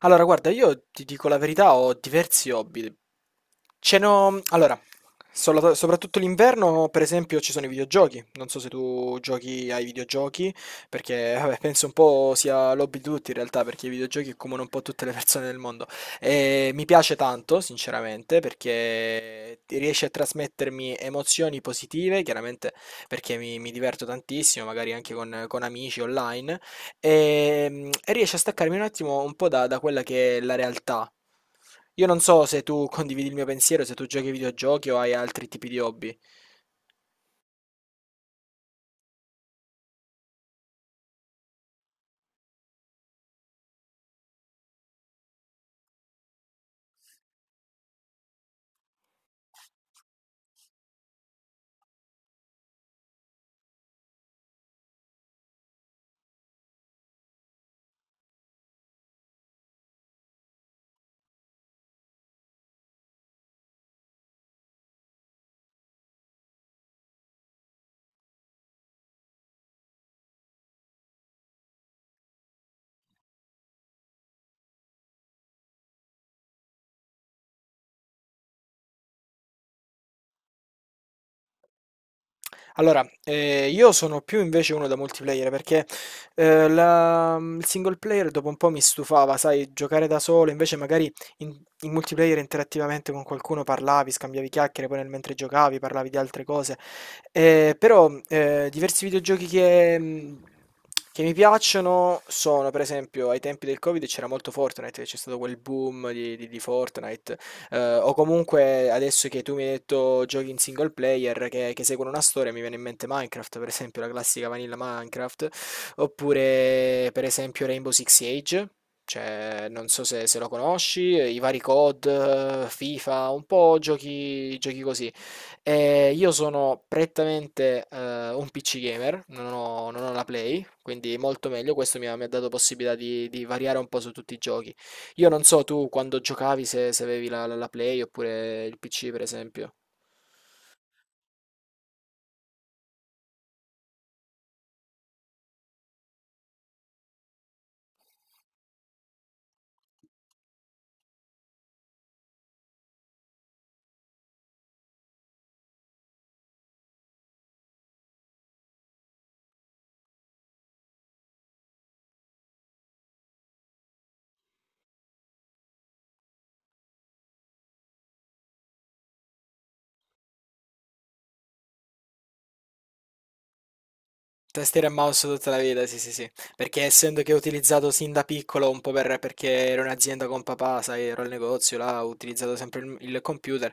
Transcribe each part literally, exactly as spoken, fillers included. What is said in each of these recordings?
Allora, guarda, io ti dico la verità, ho diversi hobby. Ce n'ho. Allora, solo- soprattutto l'inverno, per esempio, ci sono i videogiochi. Non so se tu giochi ai videogiochi, perché vabbè, penso un po' sia l'hobby di tutti in realtà, perché i videogiochi accomunano un po' tutte le persone del mondo. E mi piace tanto, sinceramente, perché ti riesce a trasmettermi emozioni positive, chiaramente perché mi, mi diverto tantissimo, magari anche con con amici online e, mm, e riesce a staccarmi un attimo un po' da, da quella che è la realtà. Io non so se tu condividi il mio pensiero, se tu giochi ai videogiochi o hai altri tipi di hobby. Allora, ehm, io sono più invece uno da multiplayer perché, ehm, la mhmm, il single player dopo un po' mi stufava, sai, giocare da solo, invece magari in in multiplayer interattivamente con qualcuno parlavi, scambiavi chiacchiere, poi nel mentre giocavi parlavi di altre cose. Ehm, però, ehm, diversi videogiochi che mhmm, che mi piacciono sono, per esempio, ai tempi del Covid c'era molto Fortnite, che c'è stato quel boom di di di Fortnite, eh, o comunque adesso che tu mi hai detto giochi in single player che, che seguono una storia, mi viene in mente Minecraft, per esempio, la classica vanilla Minecraft, oppure per esempio Rainbow Six Siege. Cioè, non so se, se lo conosci, eh, i vari C O D, eh, FIFA, un po' giochi, giochi così. Eh, io sono prettamente eh, un P C gamer, non ho, non ho la Play, quindi molto meglio. Questo mi ha, mi ha dato possibilità di, di variare un po' su tutti i giochi. Io non so tu quando giocavi se, se avevi la, la- la Play oppure il P C, per esempio. Tastiera e mouse tutta la vita, sì, sì, sì. Perché essendo che ho utilizzato sin da piccolo, un po' per, perché ero in azienda con papà, sai, ero al negozio, là, ho utilizzato sempre il, il computer,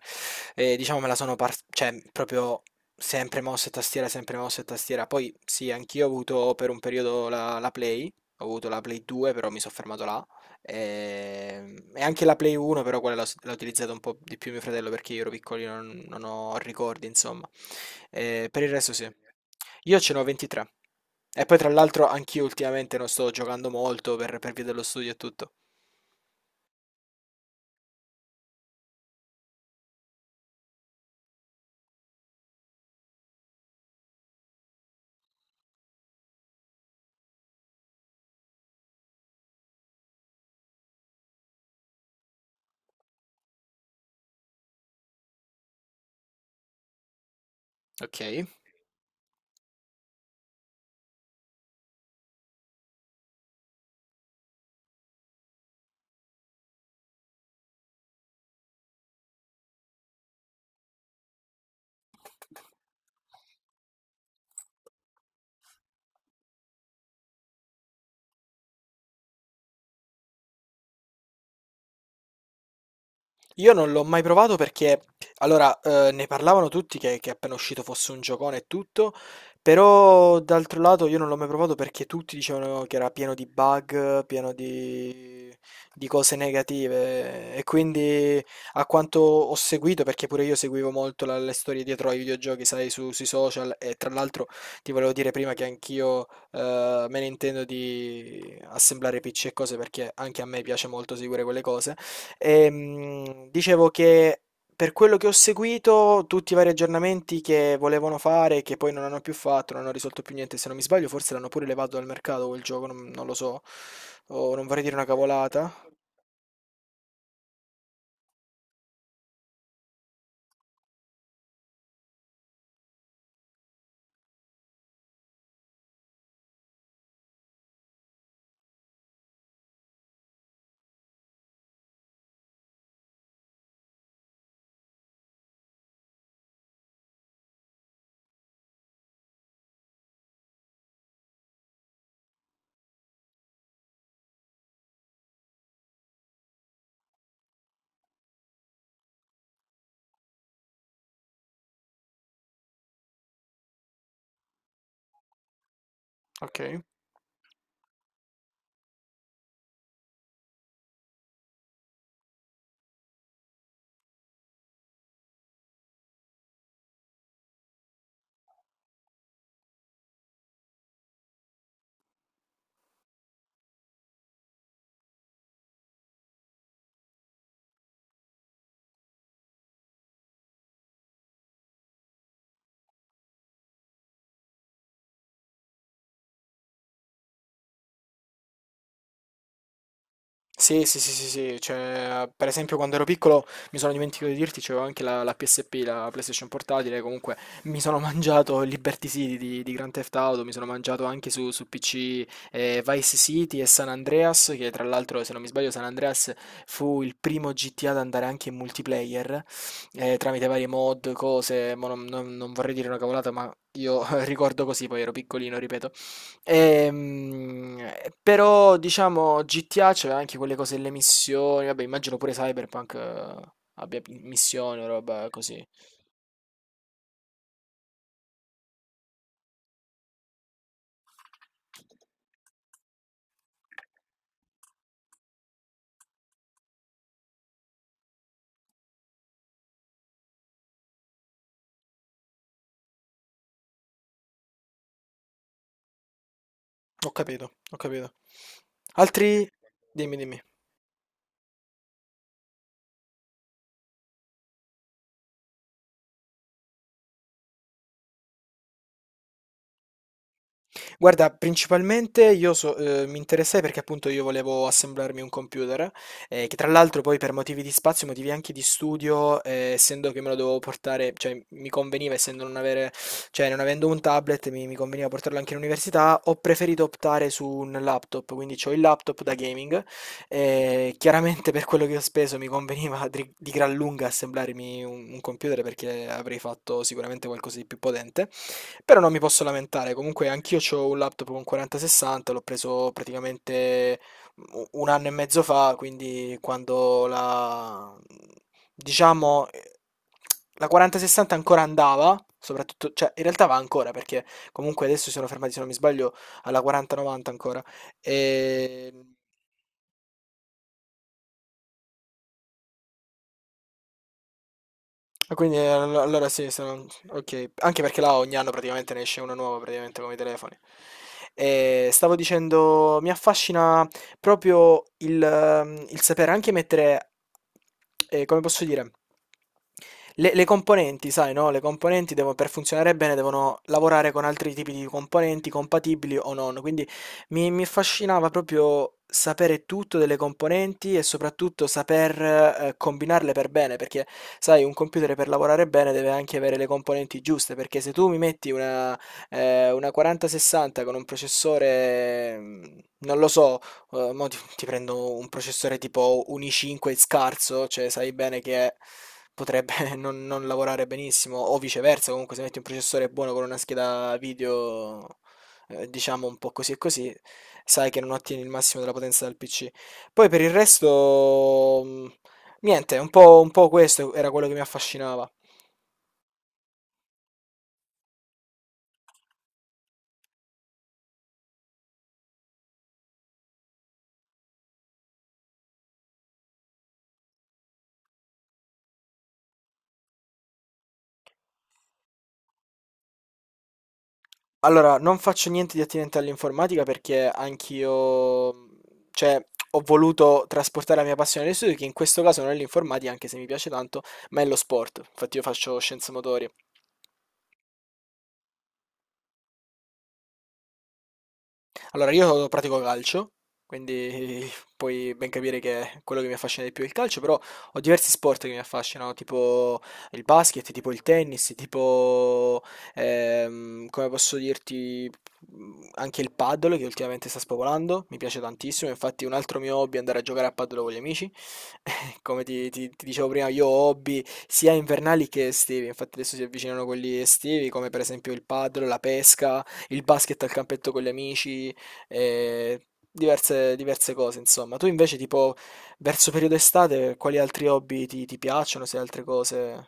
e diciamo me la sono, par- cioè, proprio sempre mouse e tastiera, sempre mouse e tastiera. Poi, sì, anch'io ho avuto per un periodo la, la Play, ho avuto la Play due, però mi sono fermato là, e, e anche la Play uno, però quella l'ho s- l'ha utilizzata un po' di più mio fratello, perché io ero piccolino, non, non ho ricordi, insomma. Ehm, per il resto sì. Io ce n'ho ventitré. E poi tra l'altro anch'io ultimamente non sto giocando molto per per via dello studio e tutto. Ok. Io non l'ho mai provato perché, allora, eh, ne parlavano tutti che, che appena uscito fosse un giocone e tutto, però d'altro lato io non l'ho mai provato perché tutti dicevano che era pieno di bug, pieno di, di cose negative e quindi a quanto ho seguito, perché pure io seguivo molto la- le storie dietro ai videogiochi, sai, su- sui social e tra l'altro ti volevo dire prima che anch'io eh, me ne intendo di assemblare P C e cose perché anche a me piace molto seguire quelle cose. Ehm, dicevo che per quello che ho seguito, tutti i vari aggiornamenti che volevano fare, che poi non hanno più fatto, non hanno risolto più niente, se non mi sbaglio, forse l'hanno pure levato dal mercato quel gioco, non, non lo so, o non vorrei dire una cavolata. Ok. Sì, sì, sì, sì, sì, cioè, per esempio quando ero piccolo mi sono dimenticato di dirti, c'avevo anche la, la P S P, la PlayStation Portatile, comunque mi sono mangiato Liberty City di, di Grand Theft Auto, mi sono mangiato anche su, su P C eh, Vice City e San Andreas, che tra l'altro se non mi sbaglio San Andreas fu il primo G T A ad andare anche in multiplayer, eh, tramite varie mod, cose, mo non, non- non vorrei dire una cavolata, ma ricordo così, poi ero piccolino, ripeto. Ehm, però, diciamo, G T A c'aveva anche quelle cose, le missioni, vabbè, immagino pure Cyberpunk eh, abbia pi- missioni o roba così. Ho capito, ho capito. Altri? Dimmi, dimmi. Guarda, principalmente io so uhm, mi interessai perché appunto io volevo assemblarmi un computer, ehm, che tra l'altro poi per motivi di spazio, motivi anche di studio, ehm, essendo che me lo dovevo portare cioè mi conveniva essendo non avere cioè non avendo un tablet mi mi conveniva portarlo anche in università, ho preferito optare su un laptop, quindi c'ho il laptop da gaming, ehm, chiaramente per quello che ho speso mi conveniva dri di gran lunga assemblarmi un un computer perché avrei fatto sicuramente qualcosa di più potente. Però non mi posso lamentare, comunque anch'io ho un laptop con quaranta sessanta, l'ho preso praticamente u- un anno e mezzo fa, quindi quando la... diciamo... eh, La quaranta sessanta ancora andava, soprattutto, cioè in realtà va ancora perché comunque adesso si sono fermati, se non mi sbaglio, alla quaranta novanta ancora. E Ah, Quindi eh, allo- allora sì, sono- ok. Anche perché là ogni anno praticamente ne esce una nuova, praticamente come i telefoni. E stavo dicendo, mi affascina proprio il, ehm, il sapere anche mettere, eh, come posso dire, le, le componenti, sai, no? Le componenti devono, per funzionare bene devono lavorare con altri tipi di componenti compatibili o non. Quindi mi mi affascinava proprio sapere tutto delle componenti e soprattutto saper, ehm, combinarle per bene, perché sai un computer per lavorare bene deve anche avere le componenti giuste, perché se tu mi metti una ehm, una quaranta sessanta con un processore, mhmm, non lo so, uhm, mo ti ti prendo un processore tipo un i cinque scarso, cioè sai bene che potrebbe non non lavorare benissimo, o viceversa comunque se metti un processore buono con una scheda video eh, diciamo un po' così e così, sai che non ottieni il massimo della potenza del P C. Poi per il resto, mh, niente, un po', un po' questo era quello che mi affascinava. Allora, non faccio niente di attinente all'informatica perché anch'io, mh, cioè, ho voluto trasportare la mia passione agli studi, che in questo caso non è l'informatica, anche se mi piace tanto, ma è lo sport. Infatti io faccio scienze motorie. Allora, io pratico calcio, quindi puoi ben capire che quello che mi affascina di più è il calcio, però ho diversi sport che mi affascinano, tipo il basket, tipo il tennis, tipo, ehm, come posso dirti, mm, anche il paddle che ultimamente sta spopolando, mi piace tantissimo, infatti un altro mio hobby è andare a giocare a paddle con gli amici. Come ti, ti- ti dicevo prima, io ho hobby sia invernali che estivi, infatti adesso si avvicinano quelli estivi, come per esempio il paddle, la pesca, il basket al campetto con gli amici, e diverse, diverse cose, insomma. Tu invece, tipo, verso periodo estate, quali altri hobby ti, ti piacciono? Se altre cose.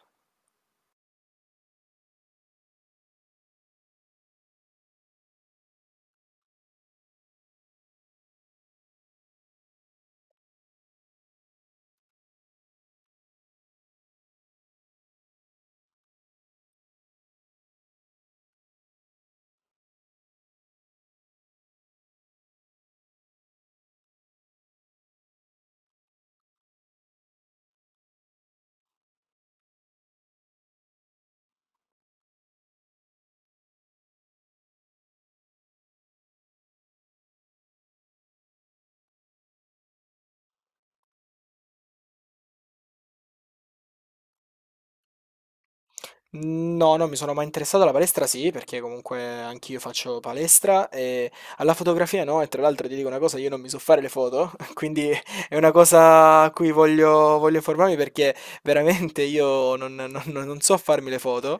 No, non mi sono mai interessato alla palestra, sì, perché comunque anch'io faccio palestra e alla fotografia no, e tra l'altro ti dico una cosa, io non mi so fare le foto, quindi è una cosa a cui voglio, voglio informarmi perché veramente io non, non- non- non so farmi le foto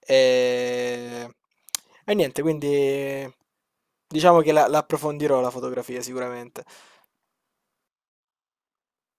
e, e niente, quindi diciamo che la, la approfondirò la fotografia sicuramente.